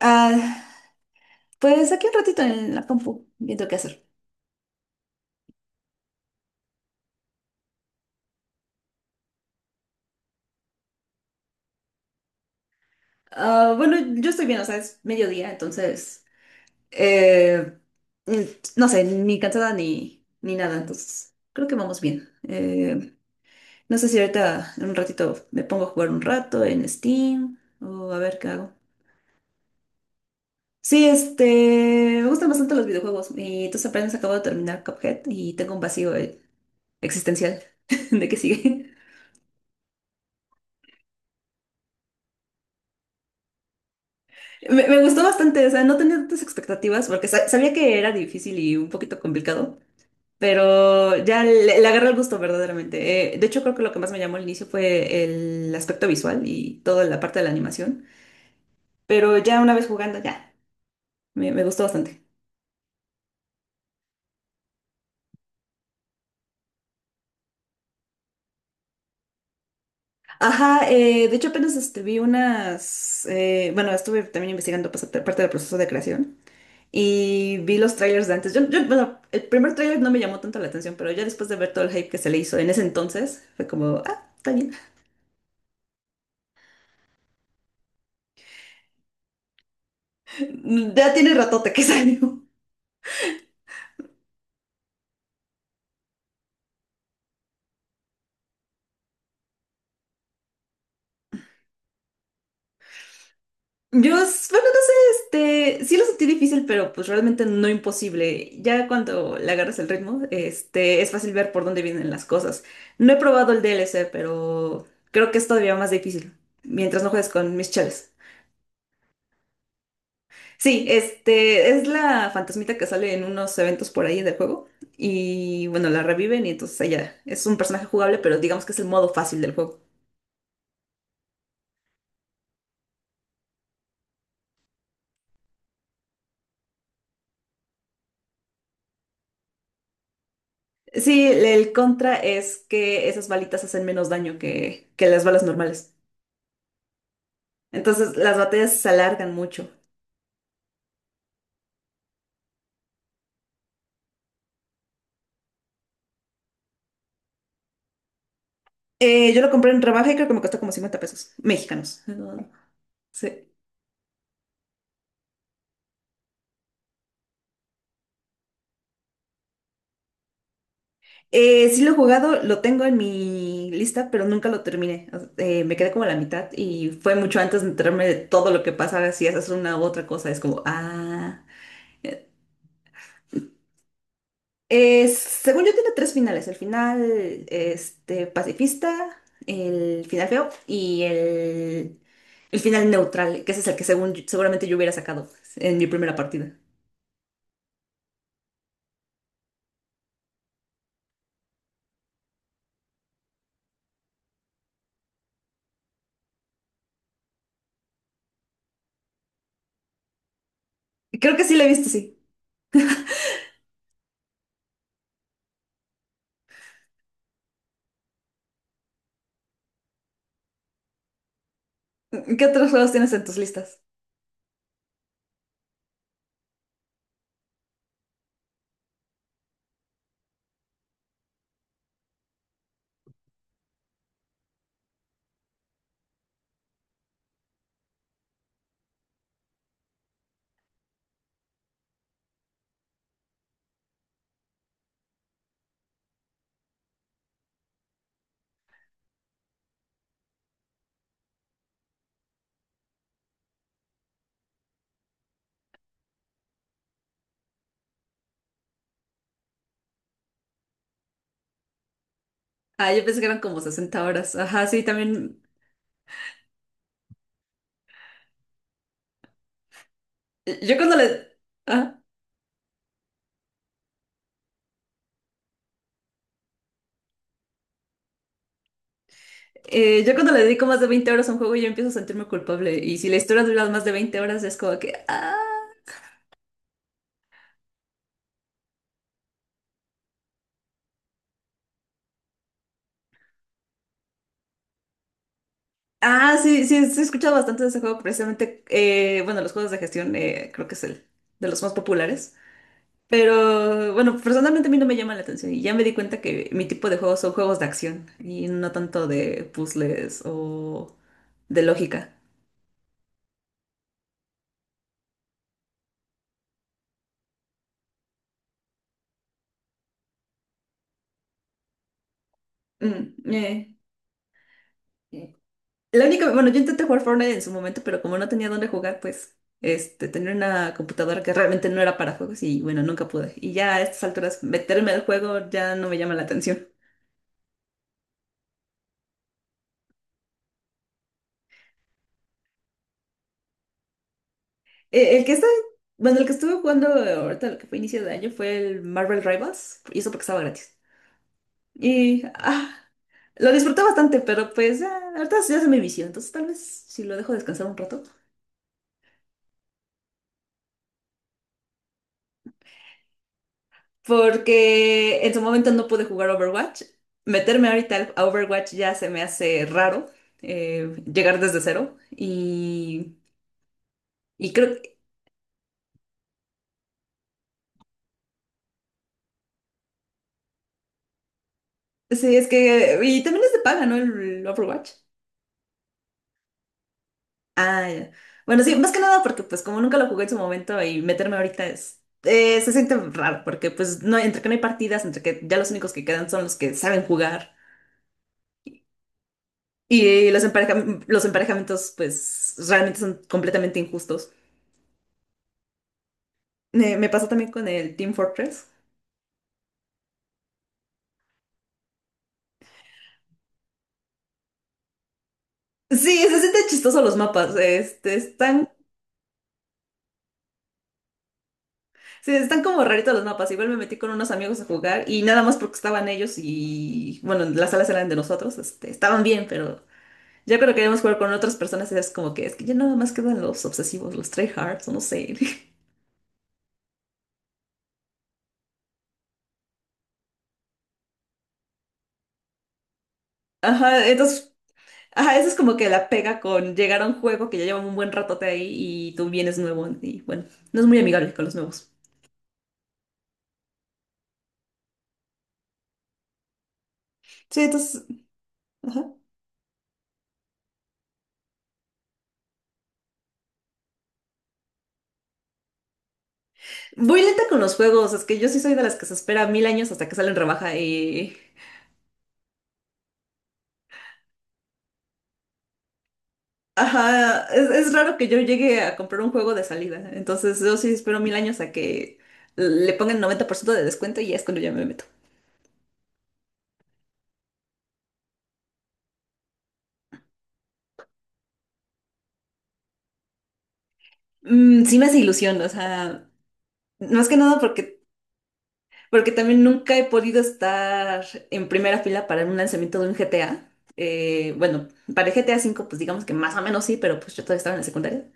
Ah, pues aquí un ratito en la compu, viendo qué hacer. Ah, bueno, yo estoy bien, o sea, es mediodía, entonces, eh, mm, no sé, ni cansada ni nada, entonces creo que vamos bien. No sé si ahorita en un ratito me pongo a jugar un rato en Steam o a ver qué hago. Sí, este, me gustan bastante los videojuegos y entonces apenas acabo de terminar Cuphead y tengo un vacío existencial de qué sigue. Me gustó bastante, o sea, no tenía tantas expectativas porque sabía que era difícil y un poquito complicado, pero ya le agarré el gusto verdaderamente. De hecho, creo que lo que más me llamó al inicio fue el aspecto visual y toda la parte de la animación, pero ya una vez jugando, ya, me gustó bastante. Ajá, de hecho apenas este, vi unas, bueno, estuve también investigando pues, parte del proceso de creación. Y vi los trailers de antes. Yo, bueno, el primer trailer no me llamó tanto la atención, pero ya después de ver todo el hype que se le hizo en ese entonces, fue como, ah, está bien. Ya tiene ratote que salió. Yo, bueno, no sé, este, sí lo sentí difícil, pero pues realmente no imposible. Ya cuando le agarras el ritmo, este, es fácil ver por dónde vienen las cosas. No he probado el DLC pero creo que es todavía más difícil, mientras no juegues con mis cheles. Sí, este es la fantasmita que sale en unos eventos por ahí del juego y bueno, la reviven y entonces ella es un personaje jugable, pero digamos que es el modo fácil del juego. Sí, el contra es que esas balitas hacen menos daño que las balas normales. Entonces las batallas se alargan mucho. Yo lo compré en rebaja y creo que me costó como 50 pesos mexicanos. Sí. Sí lo he jugado, lo tengo en mi lista, pero nunca lo terminé. O me quedé como a la mitad y fue mucho antes de enterarme de todo lo que pasa si haces una u otra cosa. Es como, ah. Según yo tiene tres finales. El final este, pacifista, el final feo y el final neutral, que ese es el que según, seguramente yo hubiera sacado en mi primera partida. Creo que sí lo he visto, sí. ¿Qué otros juegos tienes en tus listas? Ah, yo pensé que eran como 60 horas. Ajá, sí, también. Yo cuando le... ah, yo cuando le dedico más de 20 horas a un juego ya empiezo a sentirme culpable. Y si la historia dura más de 20 horas es como que. Ah, sí, sí, sí, he escuchado bastante de ese juego. Precisamente, bueno, los juegos de gestión creo que es el de los más populares. Pero bueno, personalmente a mí no me llama la atención. Y ya me di cuenta que mi tipo de juegos son juegos de acción y no tanto de puzzles o de lógica. Mm, eh. La única, bueno, yo intenté jugar Fortnite en su momento, pero como no tenía dónde jugar, pues, este, tenía una computadora que realmente no era para juegos y bueno, nunca pude. Y ya a estas alturas, meterme al juego ya no me llama la atención. El que está, bueno, el que estuve jugando ahorita, lo que fue inicio de año, fue el Marvel Rivals, y eso porque estaba gratis. Y lo disfruté bastante, pero pues, ya, ahorita ya se me vició, entonces tal vez si lo dejo descansar un rato. Porque en su momento no pude jugar Overwatch. Meterme ahorita a Overwatch ya se me hace raro llegar desde cero y creo que sí, es que. Y también es de paga, ¿no? El Overwatch. Ah, ya. Bueno, sí, más que nada porque pues como nunca lo jugué en su momento y meterme ahorita es, se siente raro porque pues no, entre que no hay partidas, entre que ya los únicos que quedan son los que saben jugar y los emparejamientos pues realmente son completamente injustos. Me pasó también con el Team Fortress. Sí, se sienten chistosos los mapas. Este, están, sí, están como raritos los mapas. Igual me metí con unos amigos a jugar y nada más porque estaban ellos y, bueno, las salas eran de nosotros. Este, estaban bien, pero ya cuando queríamos jugar con otras personas es como que es que ya nada más quedan los obsesivos, los tryhards o no sé. Ajá, entonces, ajá, eso es como que la pega con llegar a un juego que ya lleva un buen ratote ahí y tú vienes nuevo y bueno, no es muy amigable con los nuevos. Sí, entonces, ajá. Voy lenta con los juegos, es que yo sí soy de las que se espera mil años hasta que salen rebaja y. Ajá, es raro que yo llegue a comprar un juego de salida, entonces yo sí espero mil años a que le pongan 90% de descuento y ya es cuando ya me meto. Mm, sí me hace ilusión, o sea, más que nada porque también nunca he podido estar en primera fila para un lanzamiento de un GTA. Bueno, para el GTA 5 pues digamos que más o menos sí, pero pues yo todavía estaba en la secundaria.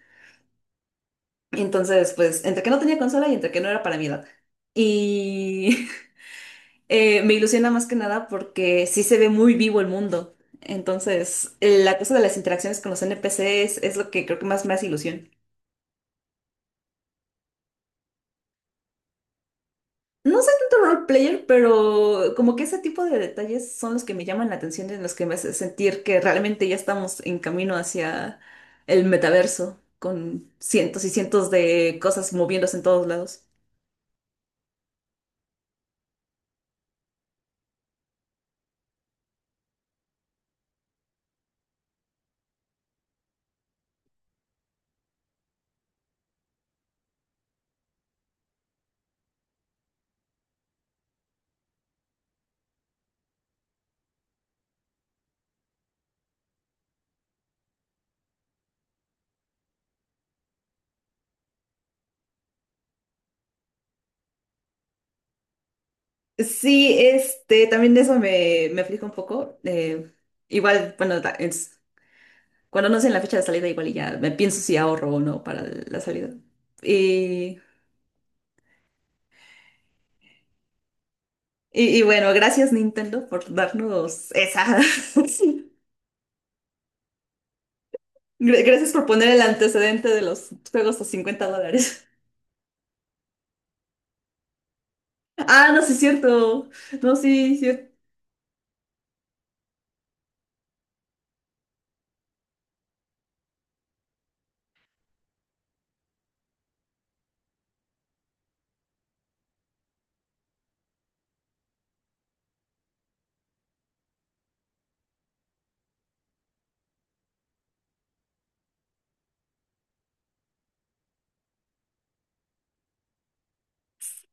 Entonces, pues, entre que no tenía consola y entre que no era para mi edad. Y me ilusiona más que nada porque sí se ve muy vivo el mundo. Entonces, la cosa de las interacciones con los NPCs es lo que creo que más me hace ilusión. No soy tanto role player, pero como que ese tipo de detalles son los que me llaman la atención y en los que me hace sentir que realmente ya estamos en camino hacia el metaverso, con cientos y cientos de cosas moviéndose en todos lados. Sí, este, también de eso me aflige un poco. Igual, bueno, cuando no sé en la fecha de salida, igual y ya me pienso si ahorro o no para la salida. Y, y, bueno, gracias Nintendo por darnos esa. Gracias por poner el antecedente de los juegos a $50. Ah, no, sí es cierto. No, sí, sí.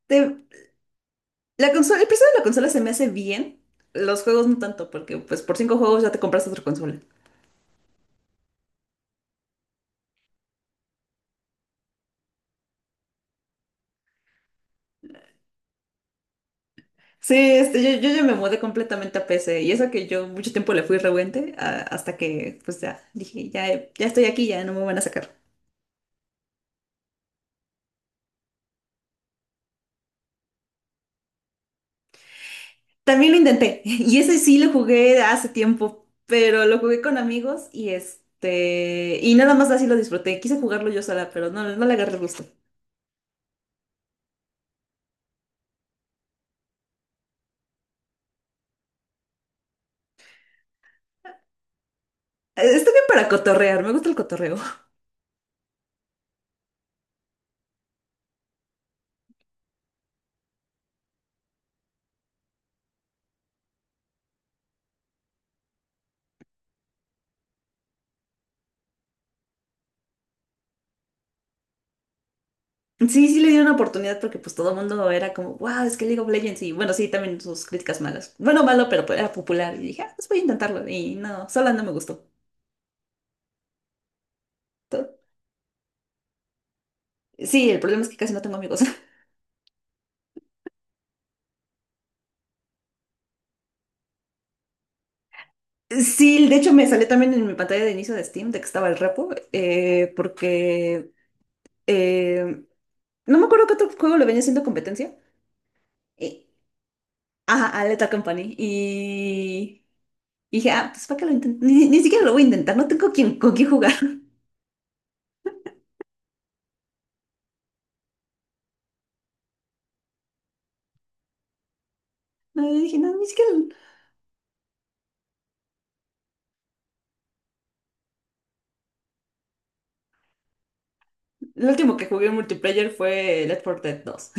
Te- la consola, el precio de la consola se me hace bien. Los juegos no tanto, porque pues por cinco juegos ya te compras otra consola. Sí, este, yo, ya me mudé completamente a PC y eso que yo mucho tiempo le fui rebuente hasta que pues ya dije, ya, ya estoy aquí, ya no me van a sacar. También lo intenté y ese sí lo jugué hace tiempo, pero lo jugué con amigos y este, y nada más así lo disfruté. Quise jugarlo yo sola, pero no, no le agarré el gusto. Está bien para cotorrear, me gusta el cotorreo. Sí, sí le di una oportunidad porque pues todo el mundo era como, wow, es que League of Legends y bueno, sí, también sus críticas malas. Bueno, malo, pero pues, era popular y dije, ah, pues voy a intentarlo y no, sola no me gustó. to- Sí, el problema es que casi no tengo amigos. Sí, de hecho me salió también en mi pantalla de inicio de Steam de que estaba el repo, porque eh, no me acuerdo qué otro juego le venía haciendo competencia. Y, ajá, a Lethal Company. Y, dije, ah, pues para qué lo intento. Ni siquiera lo voy a intentar, no tengo con quién jugar. No, y dije, no, ni siquiera. Lo último que jugué en multiplayer fue Left 4 Dead dos.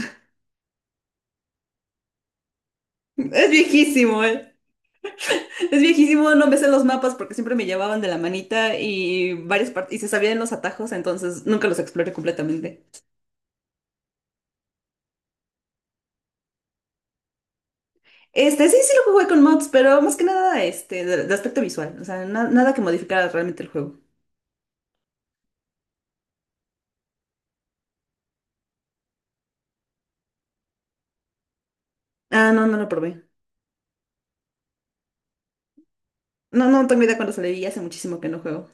Es viejísimo, eh. Es viejísimo, no me sé los mapas porque siempre me llevaban de la manita y varias partes y se sabían los atajos, entonces nunca los exploré completamente. Este, sí, sí lo jugué con mods, pero más que nada este, de aspecto visual, o sea, nada que modificara realmente el juego. Ah, no, no lo probé. No, no tengo idea cuándo salió y hace muchísimo que no juego.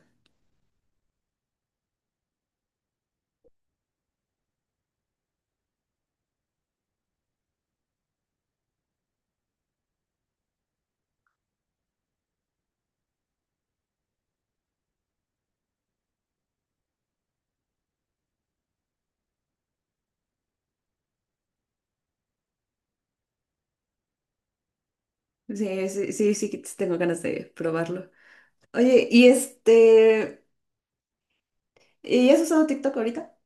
Sí, sí, sí, sí, que tengo ganas de probarlo. Oye, y este, ¿y has usado TikTok ahorita?